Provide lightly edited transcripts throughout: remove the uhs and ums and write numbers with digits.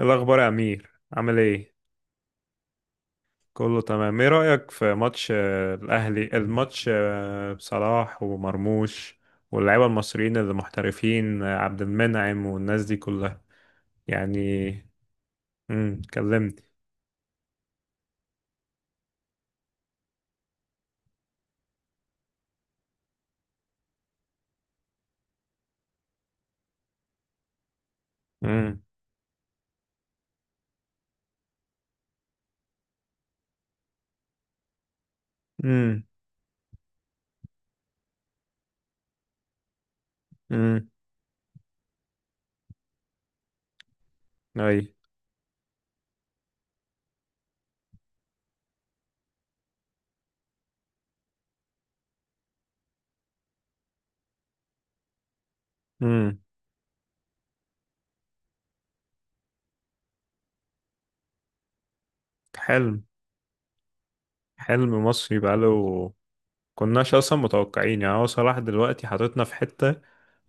الأخبار يا أمير، عامل إيه؟ كله تمام. إيه رأيك في ماتش الأهلي، الماتش بصلاح ومرموش، واللعيبة المصريين اللي محترفين، عبد المنعم والناس دي كلها، يعني. كلمني. امم. امم. امم. أي. امم. حلم. حلم مصري بقاله، كناش أصلا متوقعين. يعني هو صلاح دلوقتي حاططنا في حتة،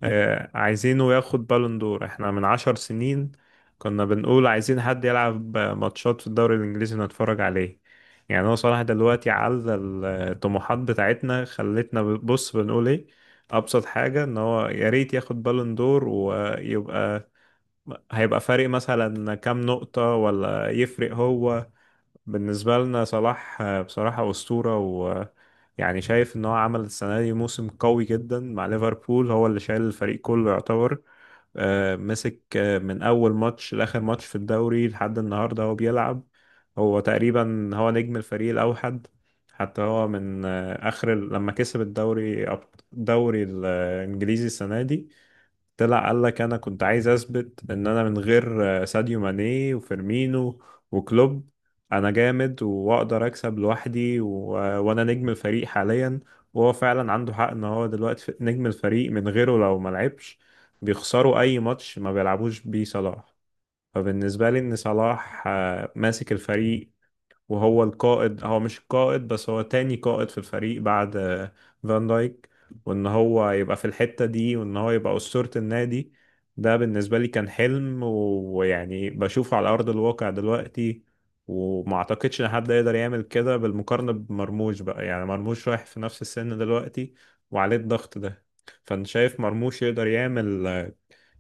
عايزينه ياخد بالون دور احنا من عشر سنين. كنا بنقول عايزين حد يلعب ماتشات في الدوري الإنجليزي نتفرج عليه. يعني هو صلاح دلوقتي على الطموحات بتاعتنا خلتنا بص بنقول ايه، أبسط حاجة ان هو يا ريت ياخد بالون دور ويبقى، هيبقى فارق مثلا كام نقطة، ولا يفرق هو بالنسبة لنا. صلاح بصراحة أسطورة، ويعني شايف إن هو عمل السنة دي موسم قوي جدا مع ليفربول، هو اللي شايل الفريق كله يعتبر. مسك من أول ماتش لآخر ماتش في الدوري لحد النهاردة هو بيلعب، هو تقريبا هو نجم الفريق الأوحد. حتى هو من آخر لما كسب الدوري الدوري الإنجليزي السنة دي، طلع قال لك انا كنت عايز اثبت ان انا من غير ساديو ماني وفيرمينو وكلوب انا جامد واقدر اكسب لوحدي وانا نجم الفريق حاليا. وهو فعلا عنده حق ان هو دلوقتي نجم الفريق، من غيره لو ما لعبش بيخسروا اي ماتش ما بيلعبوش بيه صلاح. فبالنسبة لي ان صلاح ماسك الفريق، وهو القائد، هو مش القائد بس، هو تاني قائد في الفريق بعد فان دايك. وان هو يبقى في الحتة دي، وان هو يبقى أسطورة النادي، ده بالنسبة لي كان حلم ويعني بشوفه على أرض الواقع دلوقتي. وما اعتقدش ان حد يقدر يعمل كده بالمقارنة بمرموش بقى. يعني مرموش رايح في نفس السن دلوقتي وعليه الضغط ده، فانت شايف مرموش يقدر يعمل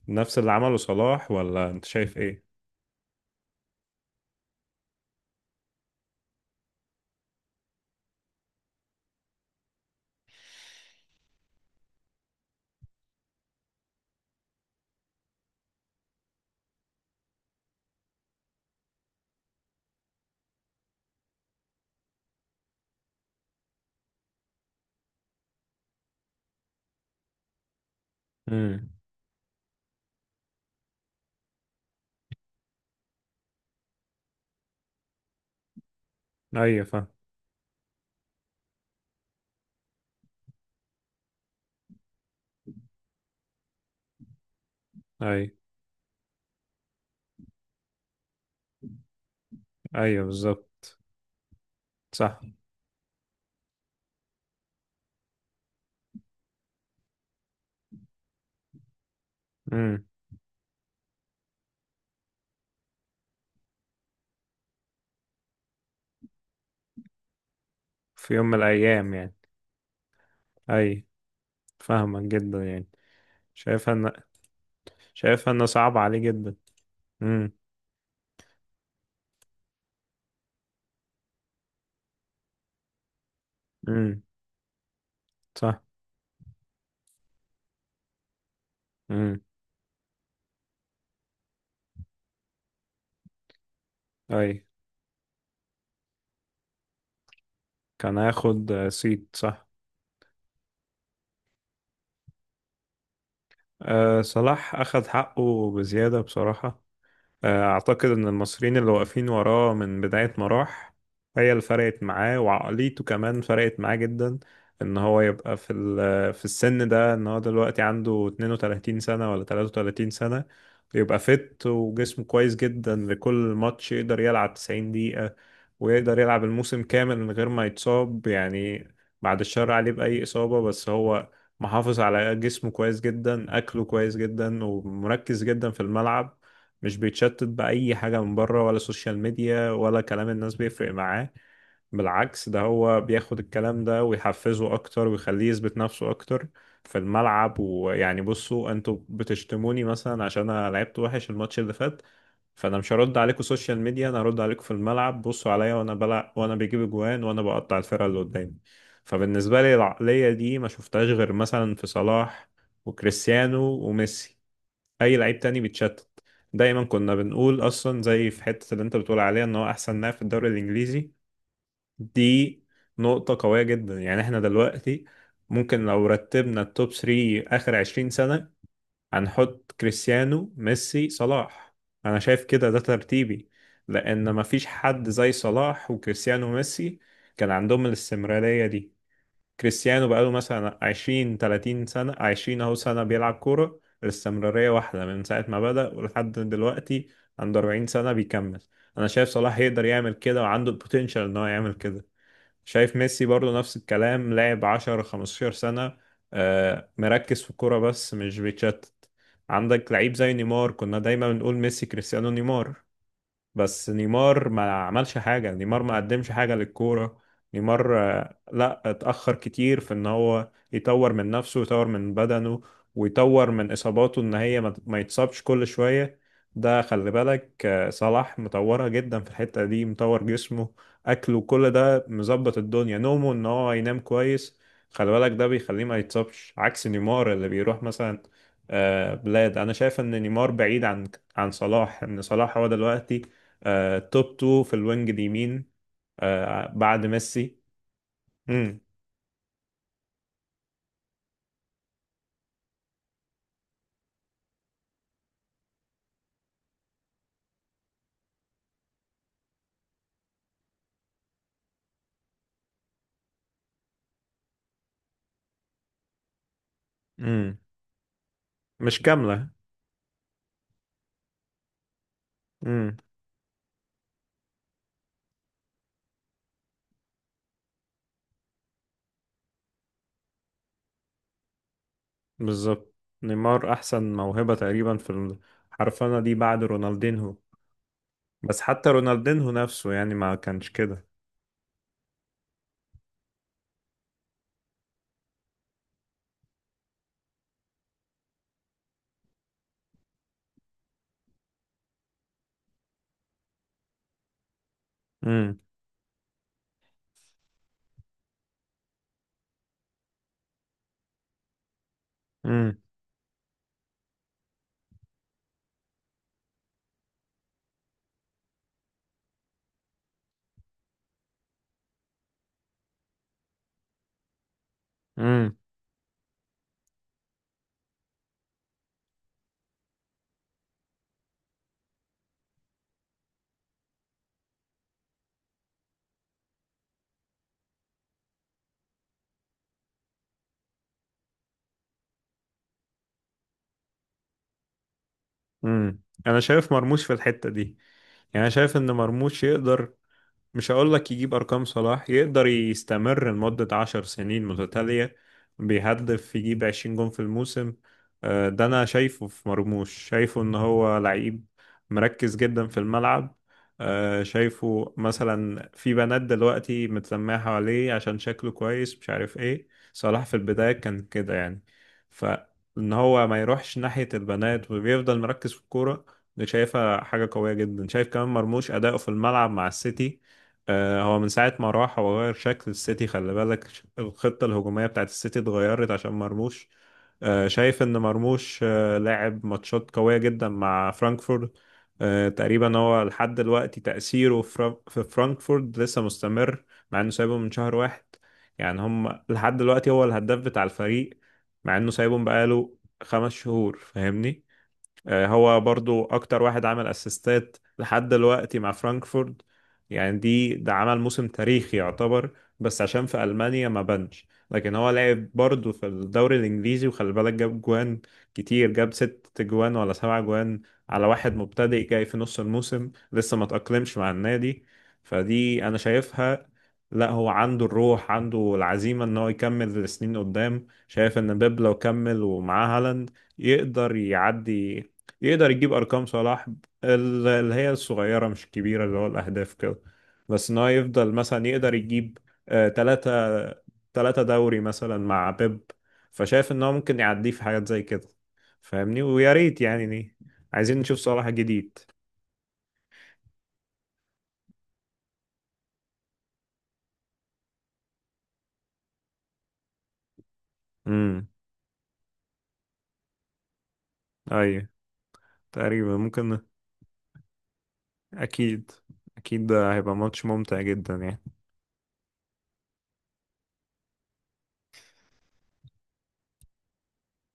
نفس اللي عمله صلاح، ولا انت شايف ايه؟ امم ايوه، فاهم. ايوه، ايوه، بالظبط. صح. امم. في يوم من الايام يعني. اي، فاهمك جدا يعني. شايفها ان شايفها انه صعب عليه جدا. امم. امم. صح. امم. اي. كان هياخد سيت، صح. أه، صلاح اخد حقه بزيادة بصراحة. أعتقد إن المصريين اللي واقفين وراه من بداية ما راح هي اللي فرقت معاه، وعقليته كمان فرقت معاه جدا. إن هو يبقى في في السن ده، إن هو دلوقتي عنده 32 سنة ولا 33 سنة، يبقى فت وجسمه كويس جدا لكل ماتش، يقدر يلعب 90 دقيقة ويقدر يلعب الموسم كامل من غير ما يتصاب يعني. بعد الشر عليه بأي إصابة، بس هو محافظ على جسمه كويس جدا، أكله كويس جدا، ومركز جدا في الملعب. مش بيتشتت بأي حاجة من بره، ولا سوشيال ميديا ولا كلام الناس بيفرق معاه. بالعكس، ده هو بياخد الكلام ده ويحفزه أكتر، ويخليه يثبت نفسه أكتر في الملعب. ويعني، بصوا أنتوا بتشتموني مثلا عشان أنا لعبت وحش الماتش اللي فات، فأنا مش هرد عليكم سوشيال ميديا، أنا هرد عليكم في الملعب. بصوا عليا وأنا بلع، وأنا بجيب أجوان وأنا بقطع الفرقة اللي قدامي. فبالنسبة لي العقلية دي ما شفتهاش غير مثلا في صلاح وكريستيانو وميسي. اي لعيب تاني بيتشتت. دايما كنا بنقول اصلا، زي في حتة اللي انت بتقول عليها ان هو احسن لاعب في الدوري الانجليزي دي، نقطة قوية جدا. يعني احنا دلوقتي ممكن لو رتبنا التوب 3 اخر 20 سنة، هنحط كريستيانو، ميسي، صلاح. انا شايف كده، ده ترتيبي، لان مفيش حد زي صلاح وكريستيانو وميسي كان عندهم الاستمرارية دي. كريستيانو بقاله مثلا 20 30 سنة، 20 أهو سنة بيلعب كورة، الاستمرارية واحدة من ساعة ما بدأ ولحد دلوقتي، عنده 40 سنة بيكمل. أنا شايف صلاح يقدر يعمل كده، وعنده البوتنشال إن هو يعمل كده. شايف ميسي برضه نفس الكلام، لاعب 10 15 سنة، مركز في الكورة بس مش بيتشتت. عندك لعيب زي نيمار، كنا دايما بنقول ميسي كريستيانو نيمار، بس نيمار ما عملش حاجة، نيمار ما قدمش حاجة للكورة. نيمار لا، اتأخر كتير في ان هو يطور من نفسه ويطور من بدنه، ويطور من اصاباته ان هي ما يتصابش كل شوية. ده خلي بالك، صلاح مطورها جدا في الحتة دي، مطور جسمه، اكله، كل ده مظبط الدنيا، نومه ان هو ينام كويس. خلي بالك ده بيخليه ما يتصابش عكس نيمار اللي بيروح مثلا بلاد. انا شايف ان نيمار بعيد عن صلاح، ان صلاح هو دلوقتي توب 2 في الوينج اليمين، بعد ميسي. امم. امم. مش كاملة. امم. بالظبط. نيمار احسن موهبة تقريبا في الحرفنة دي بعد رونالدينهو، بس حتى رونالدينهو نفسه يعني ما كانش كده. امم. امم. امم. امم. انا شايف مرموش في الحتة دي، يعني انا شايف ان مرموش يقدر، مش هقول لك يجيب أرقام صلاح، يقدر يستمر لمدة عشر سنين متتالية بيهدف يجيب عشرين جون في الموسم. ده أنا شايفه في مرموش، شايفه إن هو لعيب مركز جدا في الملعب. شايفه مثلا في بنات دلوقتي متلمعة حواليه عشان شكله كويس، مش عارف ايه، صلاح في البداية كان كده يعني، فإن هو ما يروحش ناحية البنات وبيفضل مركز في الكورة. دي شايفها حاجة قوية جدا. شايف كمان مرموش أداؤه في الملعب مع السيتي، هو من ساعة ما راح هو غير شكل السيتي. خلي بالك الخطة الهجومية بتاعت السيتي اتغيرت عشان مرموش. شايف ان مرموش لاعب ماتشات قوية جدا مع فرانكفورت. تقريبا هو لحد دلوقتي تأثيره في في فرانكفورت لسه مستمر، مع انه سايبهم من شهر واحد. يعني هم لحد دلوقتي هو الهداف بتاع الفريق، مع انه سايبهم بقاله خمس شهور، فاهمني. هو برضو اكتر واحد عمل اسيستات لحد دلوقتي مع فرانكفورت. يعني دي ده عمل موسم تاريخي يعتبر، بس عشان في المانيا ما بانش، لكن هو لعب برضو في الدوري الانجليزي وخلي بالك جاب جوان كتير، جاب ست جوان ولا سبع جوان، على واحد مبتدئ جاي في نص الموسم لسه ما تأقلمش مع النادي. فدي انا شايفها، لا هو عنده الروح، عنده العزيمة ان هو يكمل لسنين قدام. شايف ان بيب لو كمل ومعاه هالاند يقدر يعدي، يقدر يجيب ارقام صلاح، اللي هي الصغيره مش الكبيره اللي هو الاهداف كده، بس ان هو يفضل مثلا يقدر يجيب آه، تلاتة تلاتة دوري مثلا مع بيب، فشايف ان هو ممكن يعديه في حاجات زي كده. فاهمني، ويا ريت يعني عايزين نشوف صلاح جديد. امم. ايوه، تقريبا ممكن. اكيد، اكيد ده هيبقى ماتش ممتع جدا يعني.